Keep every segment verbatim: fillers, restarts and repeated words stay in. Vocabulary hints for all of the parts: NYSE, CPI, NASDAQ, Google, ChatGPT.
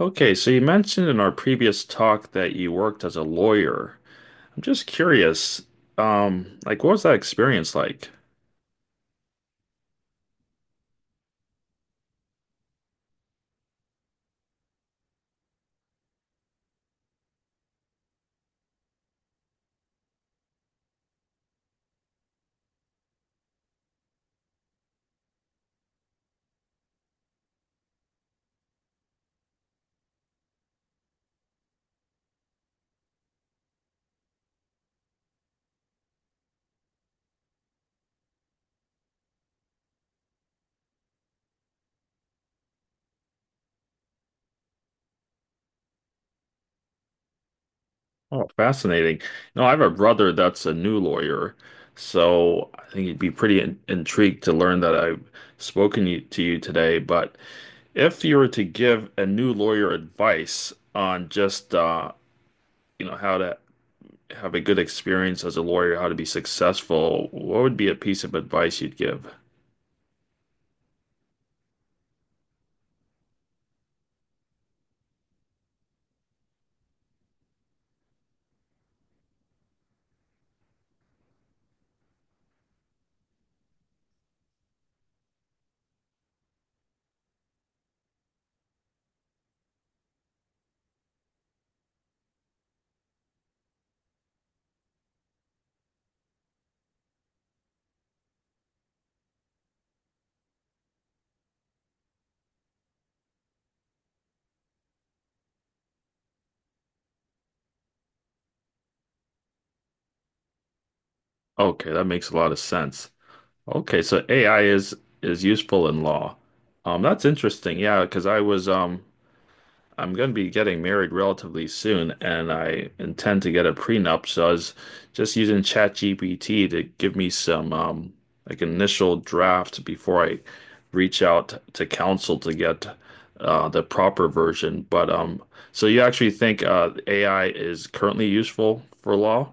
Okay, so you mentioned in our previous talk that you worked as a lawyer. I'm just curious, um, like what was that experience like? Oh, fascinating. No, I have a brother that's a new lawyer, so I think he'd be pretty in intrigued to learn that I've spoken you, to you today. But if you were to give a new lawyer advice on just uh, you know, how to have a good experience as a lawyer, how to be successful, what would be a piece of advice you'd give? Okay, that makes a lot of sense. Okay, so A I is is useful in law. Um, that's interesting. Yeah, because I was um I'm going to be getting married relatively soon, and I intend to get a prenup. So I was just using ChatGPT to give me some um like initial draft before I reach out to counsel to get uh the proper version. But um, so you actually think uh A I is currently useful for law?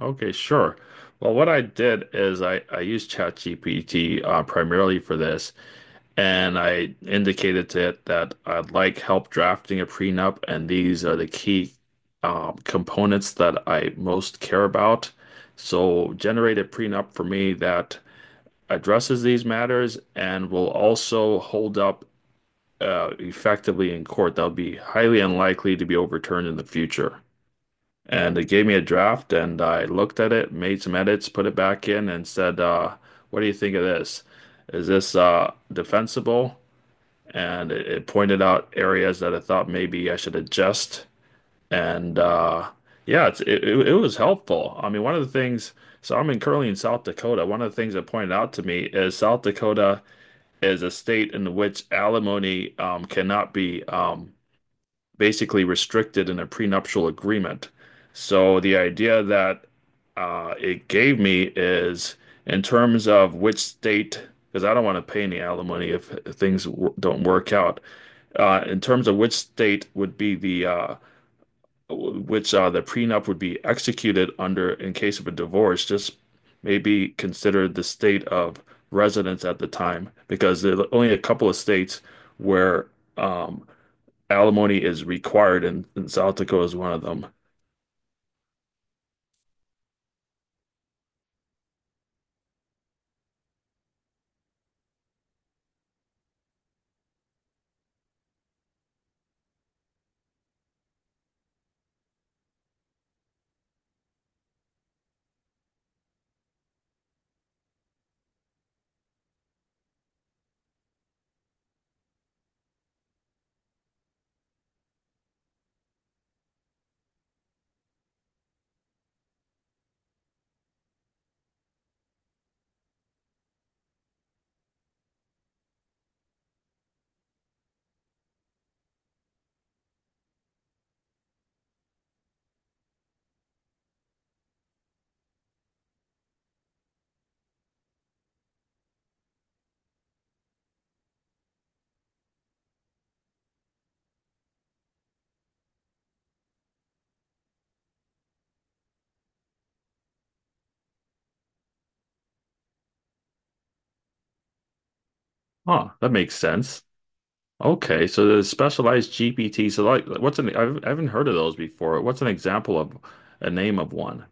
Okay, sure. Well, what I did is I, I used ChatGPT uh, primarily for this, and I indicated to it that I'd like help drafting a prenup, and these are the key um, components that I most care about. So generate a prenup for me that addresses these matters and will also hold up uh, effectively in court. That'll be highly unlikely to be overturned in the future. And they gave me a draft, and I looked at it, made some edits, put it back in, and said, uh, "What do you think of this? Is this uh, defensible?" And it, it pointed out areas that I thought maybe I should adjust. And uh, yeah, it's, it it it was helpful. I mean, one of the things. So I'm in currently in South Dakota. One of the things that pointed out to me is South Dakota is a state in which alimony um, cannot be um, basically restricted in a prenuptial agreement. So the idea that uh, it gave me is in terms of which state, because I don't want to pay any alimony if things w don't work out. Uh, in terms of which state would be the uh, w- which uh, the prenup would be executed under in case of a divorce, just maybe consider the state of residence at the time, because there's only a couple of states where um, alimony is required, and, and South Dakota is one of them. Huh, that makes sense. Okay, so there's specialized G P T. So like, what's an I've, I haven't heard of those before. What's an example of a name of one?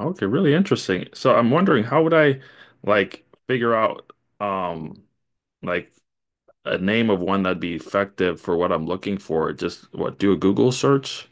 Okay, really interesting. So I'm wondering how would I like figure out um like a name of one that'd be effective for what I'm looking for? Just what, do a Google search?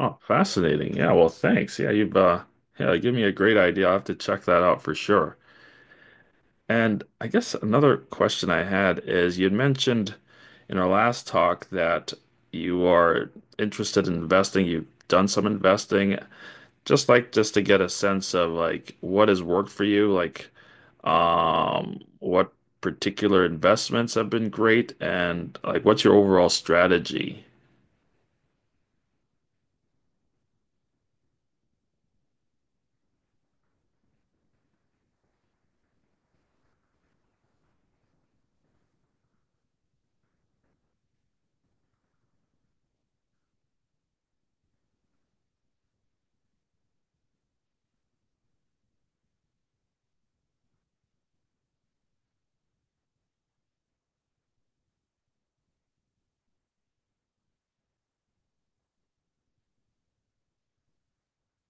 Oh, fascinating. Yeah, well, thanks. Yeah, you've uh yeah, give me a great idea. I'll have to check that out for sure. And I guess another question I had is you'd mentioned in our last talk that you are interested in investing. You've done some investing. Just like just to get a sense of like what has worked for you, like um what particular investments have been great and like what's your overall strategy?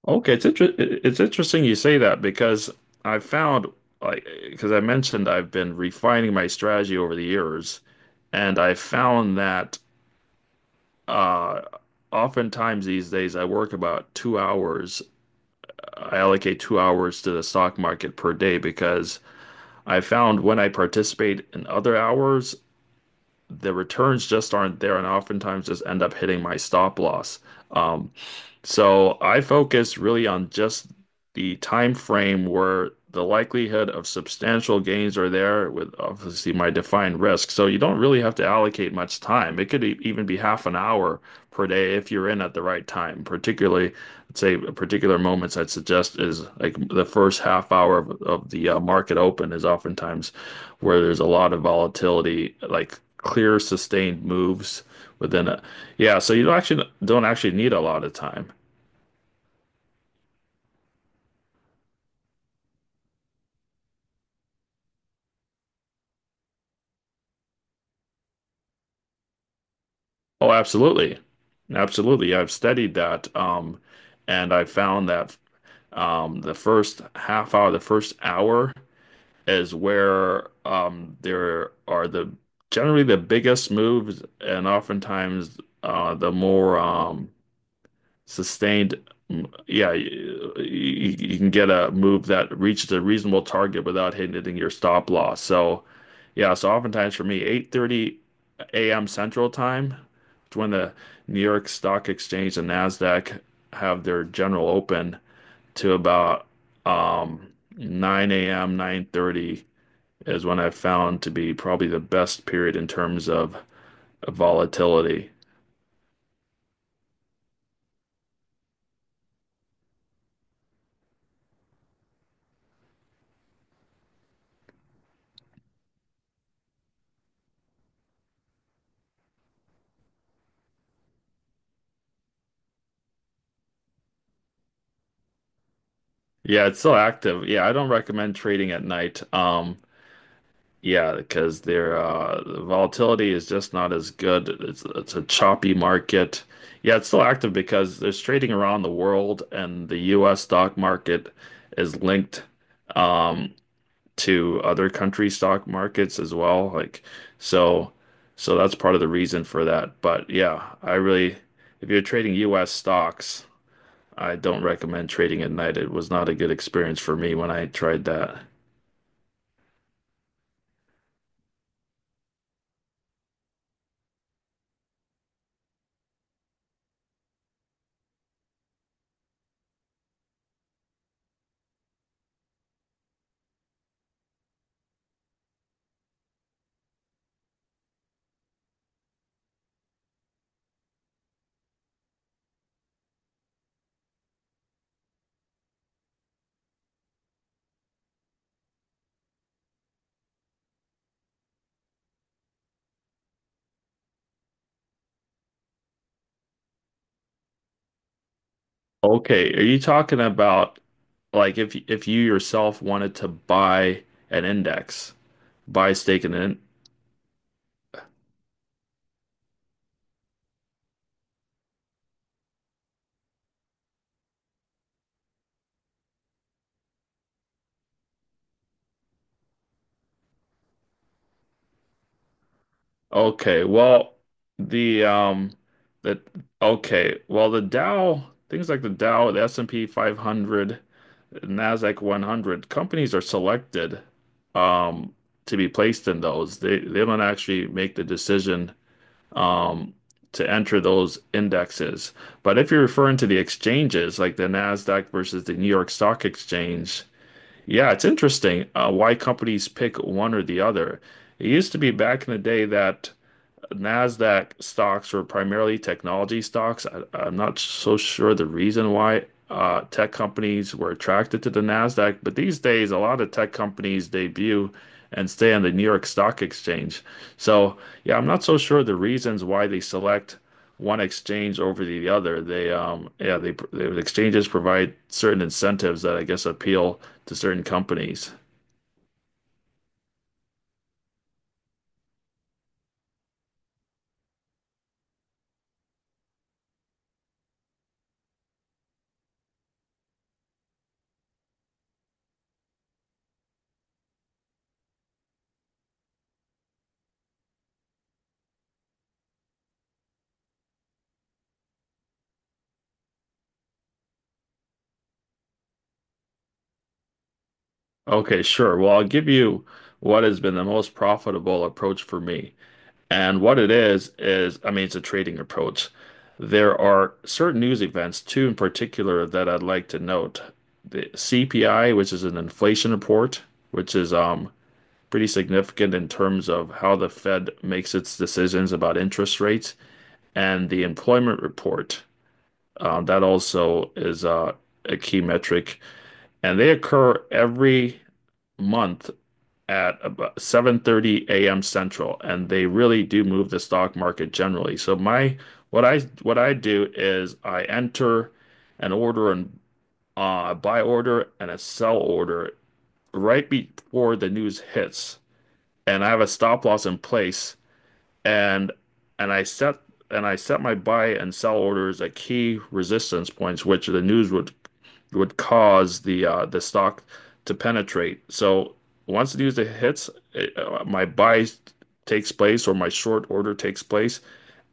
Okay, it's inter it's interesting you say that because I found like because I mentioned I've been refining my strategy over the years, and I found that uh, oftentimes these days I work about two hours. I allocate two hours to the stock market per day because I found when I participate in other hours, the returns just aren't there, and oftentimes just end up hitting my stop loss. Um, so I focus really on just the time frame where the likelihood of substantial gains are there with obviously my defined risk. So you don't really have to allocate much time. It could e- even be half an hour per day if you're in at the right time. Particularly, let's say particular moments I'd suggest is like the first half hour of, of the uh, market open is oftentimes where there's a lot of volatility, like clear sustained moves within a yeah, so you don't actually don't actually need a lot of time. Oh, absolutely. Absolutely. I've studied that. Um, and I found that um, the first half hour, the first hour is where um, there are the generally the biggest moves and oftentimes uh, the more um, sustained, mm, yeah, you, you can get a move that reaches a reasonable target without hitting your stop loss. So, yeah, so oftentimes for me, eight thirty a m. Central Time is when the New York Stock Exchange and NASDAQ have their general open to about um, nine a m, nine thirty is when I've found to be probably the best period in terms of volatility. Yeah, it's still active. Yeah, I don't recommend trading at night. Um, Yeah, because their uh, the volatility is just not as good. It's it's a choppy market. Yeah, it's still active because there's trading around the world, and the U S stock market is linked um, to other country stock markets as well. Like so, so that's part of the reason for that. But yeah, I really, if you're trading U S stocks, I don't recommend trading at night. It was not a good experience for me when I tried that. Okay, are you talking about? Like if if you yourself wanted to buy an index, buy stake in it. Okay, well the um the okay, well the Dow, things like the Dow, the S and P five hundred, Nasdaq one hundred, companies are selected um to be placed in those. They they don't actually make the decision um to enter those indexes. But if you're referring to the exchanges, like the Nasdaq versus the New York Stock Exchange, yeah, it's interesting uh, why companies pick one or the other. It used to be back in the day that Nasdaq stocks were primarily technology stocks. I, I'm not so sure the reason why uh, tech companies were attracted to the Nasdaq, but these days a lot of tech companies debut and stay on the New York Stock Exchange. So yeah, I'm not so sure the reasons why they select one exchange over the other. They um yeah they the exchanges provide certain incentives that I guess appeal to certain companies. Okay, sure. Well, I'll give you what has been the most profitable approach for me. And what it is, is, I mean, it's a trading approach. There are certain news events, two in particular, that I'd like to note. The C P I, which is an inflation report, which is um, pretty significant in terms of how the Fed makes its decisions about interest rates, and the employment report. Um, that also is uh, a key metric. And they occur every month at about seven thirty a m. Central, and they really do move the stock market generally. So my what I what I do is I enter an order and uh, buy order and a sell order right before the news hits, and I have a stop loss in place, and and I set and I set my buy and sell orders at key resistance points, which the news would would cause the uh, the stock to penetrate. So once the news hits, it, uh, my buy takes place or my short order takes place,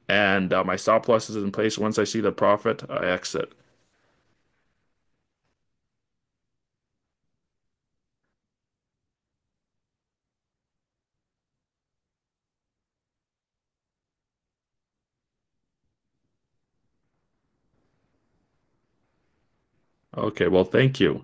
and uh, my stop loss is in place. Once I see the profit, I exit. Okay, well, thank you.